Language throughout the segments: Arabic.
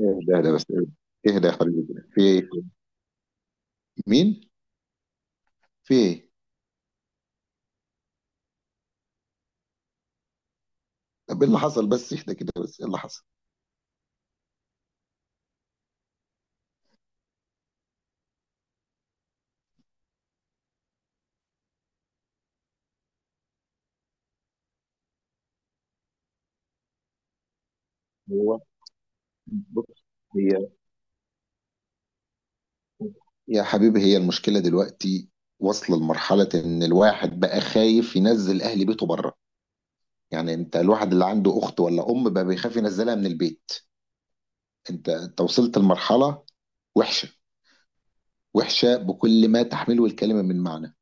اهدى بس. اهدى يا حبيبي، كده في ايه؟ مين؟ في ايه؟ طب ايه اللي حصل؟ بس اهدى كده، بس ايه اللي حصل؟ هو بص، هي، يا حبيبي، هي المشكله دلوقتي واصله لمرحله ان الواحد بقى خايف ينزل اهل بيته بره. يعني انت الواحد اللي عنده اخت ولا ام بقى بيخاف ينزلها من البيت. انت وصلت لمرحله وحشه، وحشه بكل ما تحمله الكلمه من معنى.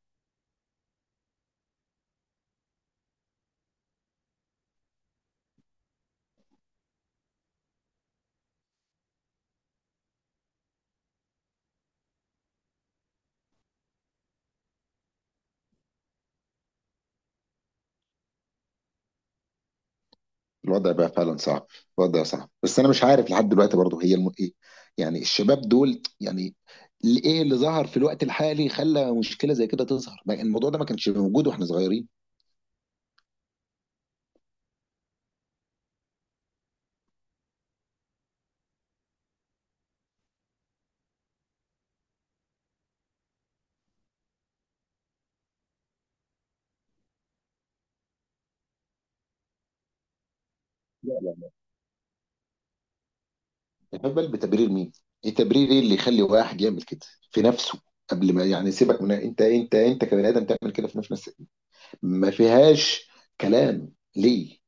الوضع بقى فعلا صعب. الوضع صعب، بس انا مش عارف لحد دلوقتي برضه هي ايه، يعني الشباب دول، يعني اللي ايه اللي ظهر في الوقت الحالي خلى مشكله زي كده تظهر. الموضوع ده ما كانش موجود واحنا صغيرين. لا لا، انت بالك بتبرير مين؟ ايه تبرير؟ ايه اللي يخلي واحد يعمل كده في نفسه؟ قبل ما يعني سيبك من انت، انت كبني ادم تعمل كده في نفسك، ما فيهاش كلام. ليه؟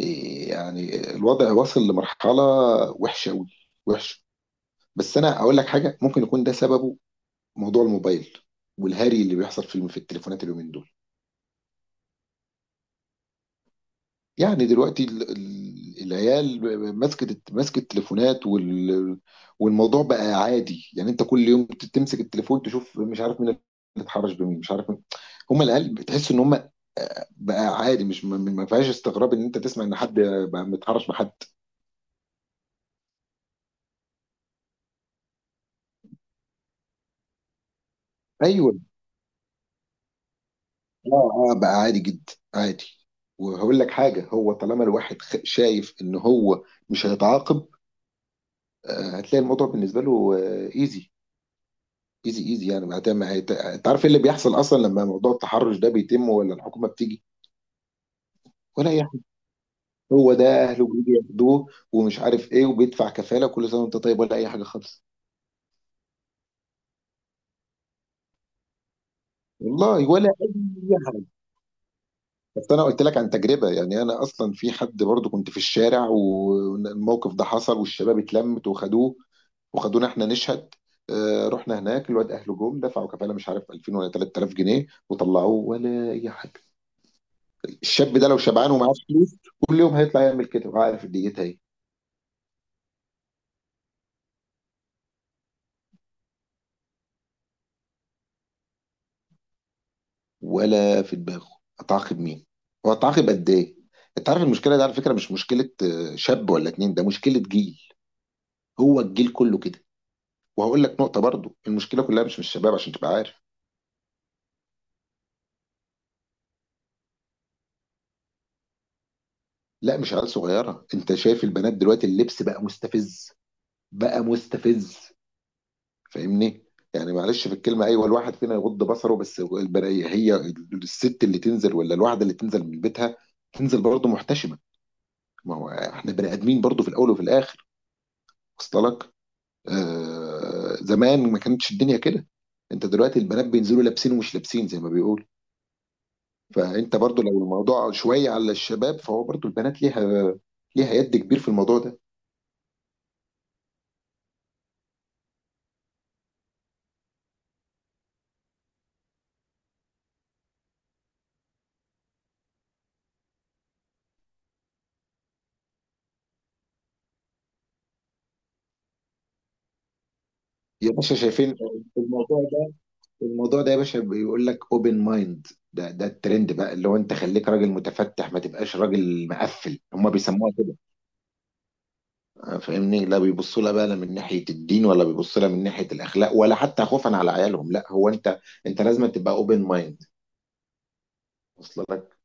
إيه يعني الوضع واصل لمرحله وحشه قوي، وحشه. بس انا اقول لك حاجه، ممكن يكون ده سببه موضوع الموبايل والهري اللي بيحصل في التليفونات اليومين دول. يعني دلوقتي العيال ماسكه التليفونات والموضوع بقى عادي. يعني انت كل يوم تمسك التليفون تشوف مش عارف مين اللي اتحرش بمين، مش عارف مين. هم العيال بتحس ان هم بقى عادي، مش ما فيهاش استغراب ان انت تسمع ان حد بقى متحرش بحد. ايوه، اه، اه بقى عادي جدا، عادي. وهقول لك حاجه، هو طالما الواحد شايف ان هو مش هيتعاقب، هتلاقي الموضوع بالنسبه له ايزي. ايزي يعني بعدها ما انت عارف ايه اللي بيحصل اصلا لما موضوع التحرش ده بيتم؟ ولا الحكومه بتيجي ولا اي حاجه؟ هو ده اهله بيجي ياخدوه ومش عارف ايه وبيدفع كفاله كل سنه وانت طيب ولا اي حاجه خالص. والله ولا اي حاجه. بس انا قلت لك عن تجربه. يعني انا اصلا في حد برضه كنت في الشارع والموقف ده حصل والشباب اتلمت وخدوه وخدونا احنا نشهد. آه رحنا هناك، الواد اهله جم دفعوا كفاله مش عارف 2000 ولا 3000 جنيه وطلعوه ولا اي حاجه. الشاب ده لو شبعان ومعاه فلوس كل يوم هيطلع يعمل كده، عارف ديتها ايه؟ ولا في دماغه. اتعاقب مين؟ واتعاقب قد ايه؟ انت عارف المشكله دي على فكره مش مشكله شاب ولا اتنين، ده مشكله جيل. هو الجيل كله كده. وهقول لك نقطه برضو، المشكله كلها مش من الشباب عشان تبقى عارف. لا مش عيال صغيره، انت شايف البنات دلوقتي اللبس بقى مستفز، بقى مستفز. فاهمني؟ يعني معلش في الكلمه، ايوه الواحد فينا يغض بصره، بس البنية هي الست اللي تنزل، ولا الواحده اللي تنزل من بيتها تنزل برضه محتشمه. ما هو احنا بني ادمين برضو في الاول وفي الاخر. وصل لك؟ آه زمان ما كانتش الدنيا كده. انت دلوقتي البنات بينزلوا لابسين ومش لابسين زي ما بيقول. فانت برضو لو الموضوع شويه على الشباب، فهو برضو البنات ليها، ليها يد كبير في الموضوع ده. يا باشا شايفين الموضوع ده. الموضوع ده يا باشا بيقول لك اوبن مايند. ده ده الترند بقى اللي هو انت خليك راجل متفتح، ما تبقاش راجل مقفل، هم بيسموها. فاهمني؟ لا بيبصوا لها بقى لا من ناحيه الدين، ولا بيبصوا لها من ناحيه الاخلاق، ولا حتى خوفا على عيالهم. لا، هو انت، انت لازم تبقى اوبن مايند. واصل لك؟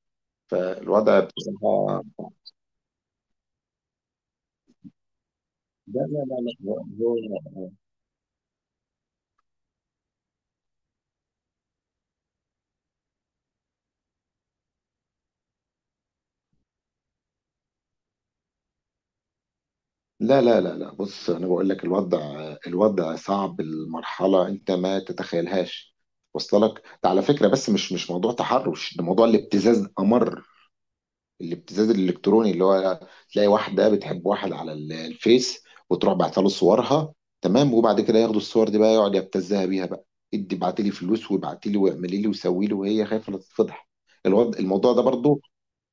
فالوضع بصراحه، لا لا لا لا هو- هو- لا لا لا لا، بص انا بقول لك الوضع، الوضع صعب، المرحله انت ما تتخيلهاش. وصل لك؟ ده على فكره بس مش موضوع تحرش، ده موضوع الابتزاز، امر الابتزاز الالكتروني اللي هو تلاقي واحده بتحب واحد على الفيس، وتروح بعتها له صورها، تمام؟ وبعد كده ياخدوا الصور دي بقى، يقعد يبتزها بيها بقى، ادي ابعتي لي فلوس وابعتي لي واعملي لي وسوي لي، وهي خايفه لا تتفضح. الموضوع ده برضو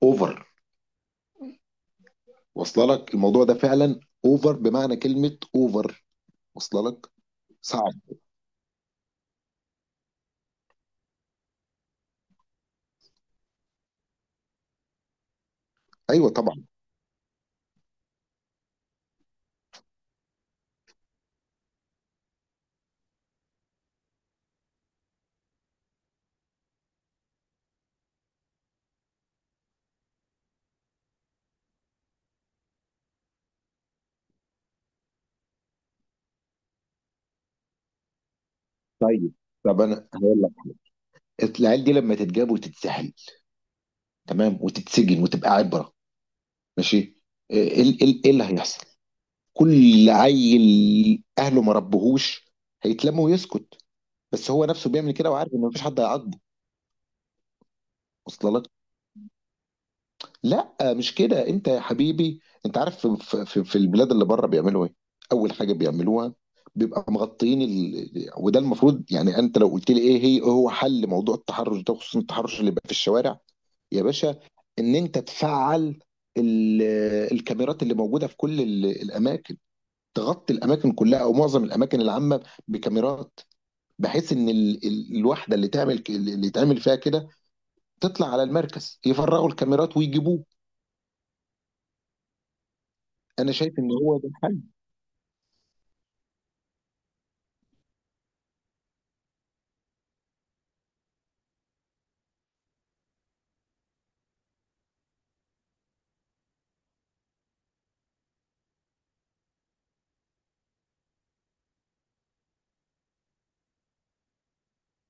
اوفر، واصله لك الموضوع ده فعلا اوفر، بمعنى كلمه اوفر. واصله لك؟ صعب. ايوه طبعا. طيب، انا هقول لك، العيال دي لما تتجاب وتتسحل، تمام، وتتسجن وتبقى عبره، ماشي. ايه إيه اللي هيحصل؟ كل عيل اهله ما ربهوش هيتلم ويسكت، بس هو نفسه بيعمل كده وعارف ان مفيش حد هيعاقبه. وصل لك؟ لا مش كده، انت يا حبيبي انت عارف في البلاد اللي بره بيعملوا ايه؟ اول حاجه بيعملوها بيبقى مغطيين وده المفروض. يعني انت لو قلت لي ايه هي، إيه هو حل موضوع التحرش ده خصوصا التحرش اللي بقى في الشوارع، يا باشا، ان انت تفعل ال... الكاميرات اللي موجوده في كل الاماكن. تغطي الاماكن كلها او معظم الاماكن العامه بكاميرات، بحيث ان الوحده اللي تعمل اللي تعمل فيها كده تطلع على المركز يفرغوا الكاميرات ويجيبوه. انا شايف ان هو ده الحل.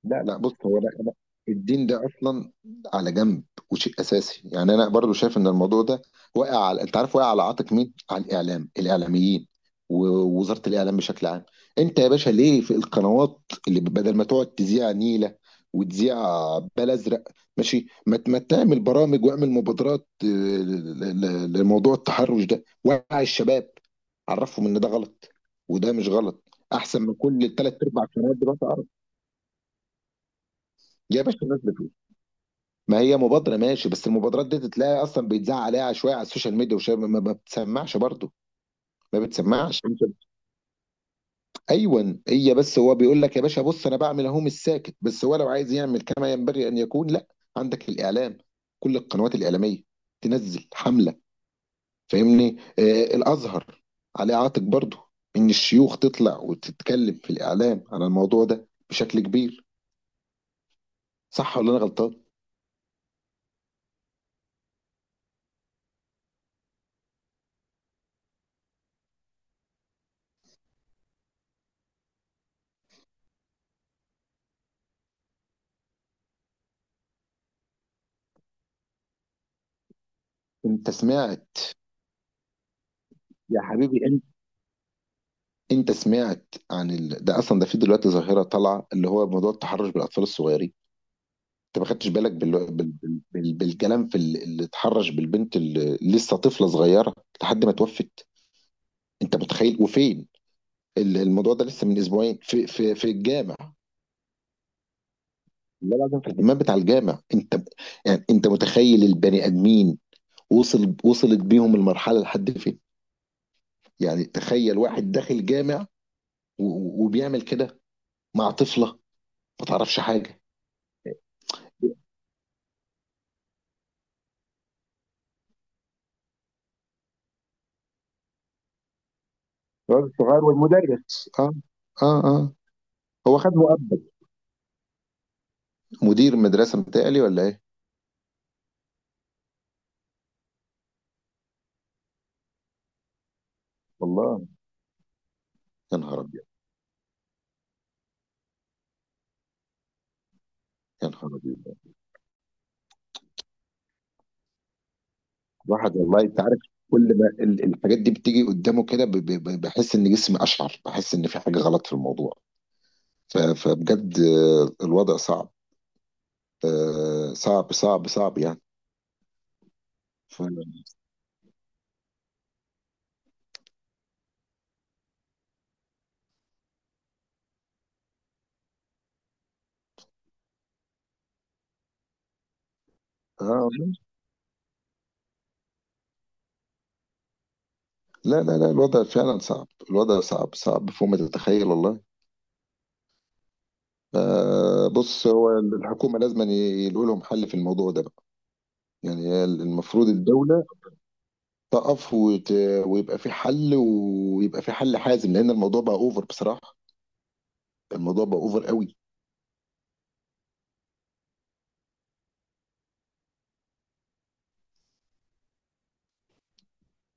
لا لا، بص هو، لا لا، الدين ده اصلا على جنب، وشيء اساسي. يعني انا برضو شايف ان الموضوع ده واقع على، انت عارف، واقع على عاتق مين؟ على الاعلام، الاعلاميين ووزاره الاعلام بشكل عام. انت يا باشا ليه في القنوات اللي بدل ما تقعد تذيع نيله وتذيع بال ازرق، ماشي، ما ما تعمل برامج واعمل مبادرات، لموضوع التحرش ده، وعي الشباب، عرفهم ان ده غلط وده مش غلط؟ احسن من كل ثلاث ارباع قنوات دلوقتي عرب. يا باشا نازله. ما هي مبادرة ماشي، بس المبادرات دي تلاقي أصلا بيتذاع عليها شوية على السوشيال ميديا وشوية ما بتسمعش برضه. ما بتسمعش. أيوة هي، بس هو بيقول لك يا باشا، بص أنا بعمل أهو مش ساكت، بس هو لو عايز يعمل كما ينبغي أن يكون، لا، عندك الإعلام، كل القنوات الإعلامية تنزل حملة. فاهمني؟ آه الأزهر عليه عاتق برضه، إن الشيوخ تطلع وتتكلم في الإعلام عن الموضوع ده بشكل كبير. صح ولا أنا غلطان؟ أنت سمعت، يا حبيبي انت سمعت عن ده اصلا، ده في دلوقتي ظاهره طالعه اللي هو موضوع التحرش بالاطفال الصغيرين؟ انت ما خدتش بالك بالكلام في اللي اتحرش بالبنت اللي لسه طفله صغيره لحد ما توفت؟ انت متخيل؟ وفين؟ الموضوع ده لسه من اسبوعين في الجامع. لا لازم، في الدماغ بتاع الجامع انت. يعني انت متخيل البني ادمين وصلت بيهم المرحله لحد فين؟ يعني تخيل واحد داخل جامع وبيعمل كده مع طفله ما تعرفش حاجه. الواد الصغير والمدرس، اه. اه اه. هو خد مؤبد. مدير مدرسة متهيألي ولا ايه؟ والله. يا نهار ابيض. يا نهار ابيض. الواحد والله، انت عارف، كل ما الحاجات دي بتيجي قدامه كده بحس ان جسمي اشعر، بحس ان في حاجة غلط في الموضوع. فبجد الوضع صعب. آه، صعب صعب يعني. ف... آه والله. لا لا لا، الوضع فعلا صعب، الوضع صعب، صعب فوق ما تتخيل والله. آه بص هو الحكومة لازم يلاقوا لهم حل في الموضوع ده. يعني هي المفروض الدولة تقف ويبقى في حل، ويبقى في حل حازم، لأن الموضوع بقى أوفر بصراحة. الموضوع بقى أوفر قوي.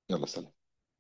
يلا سلام.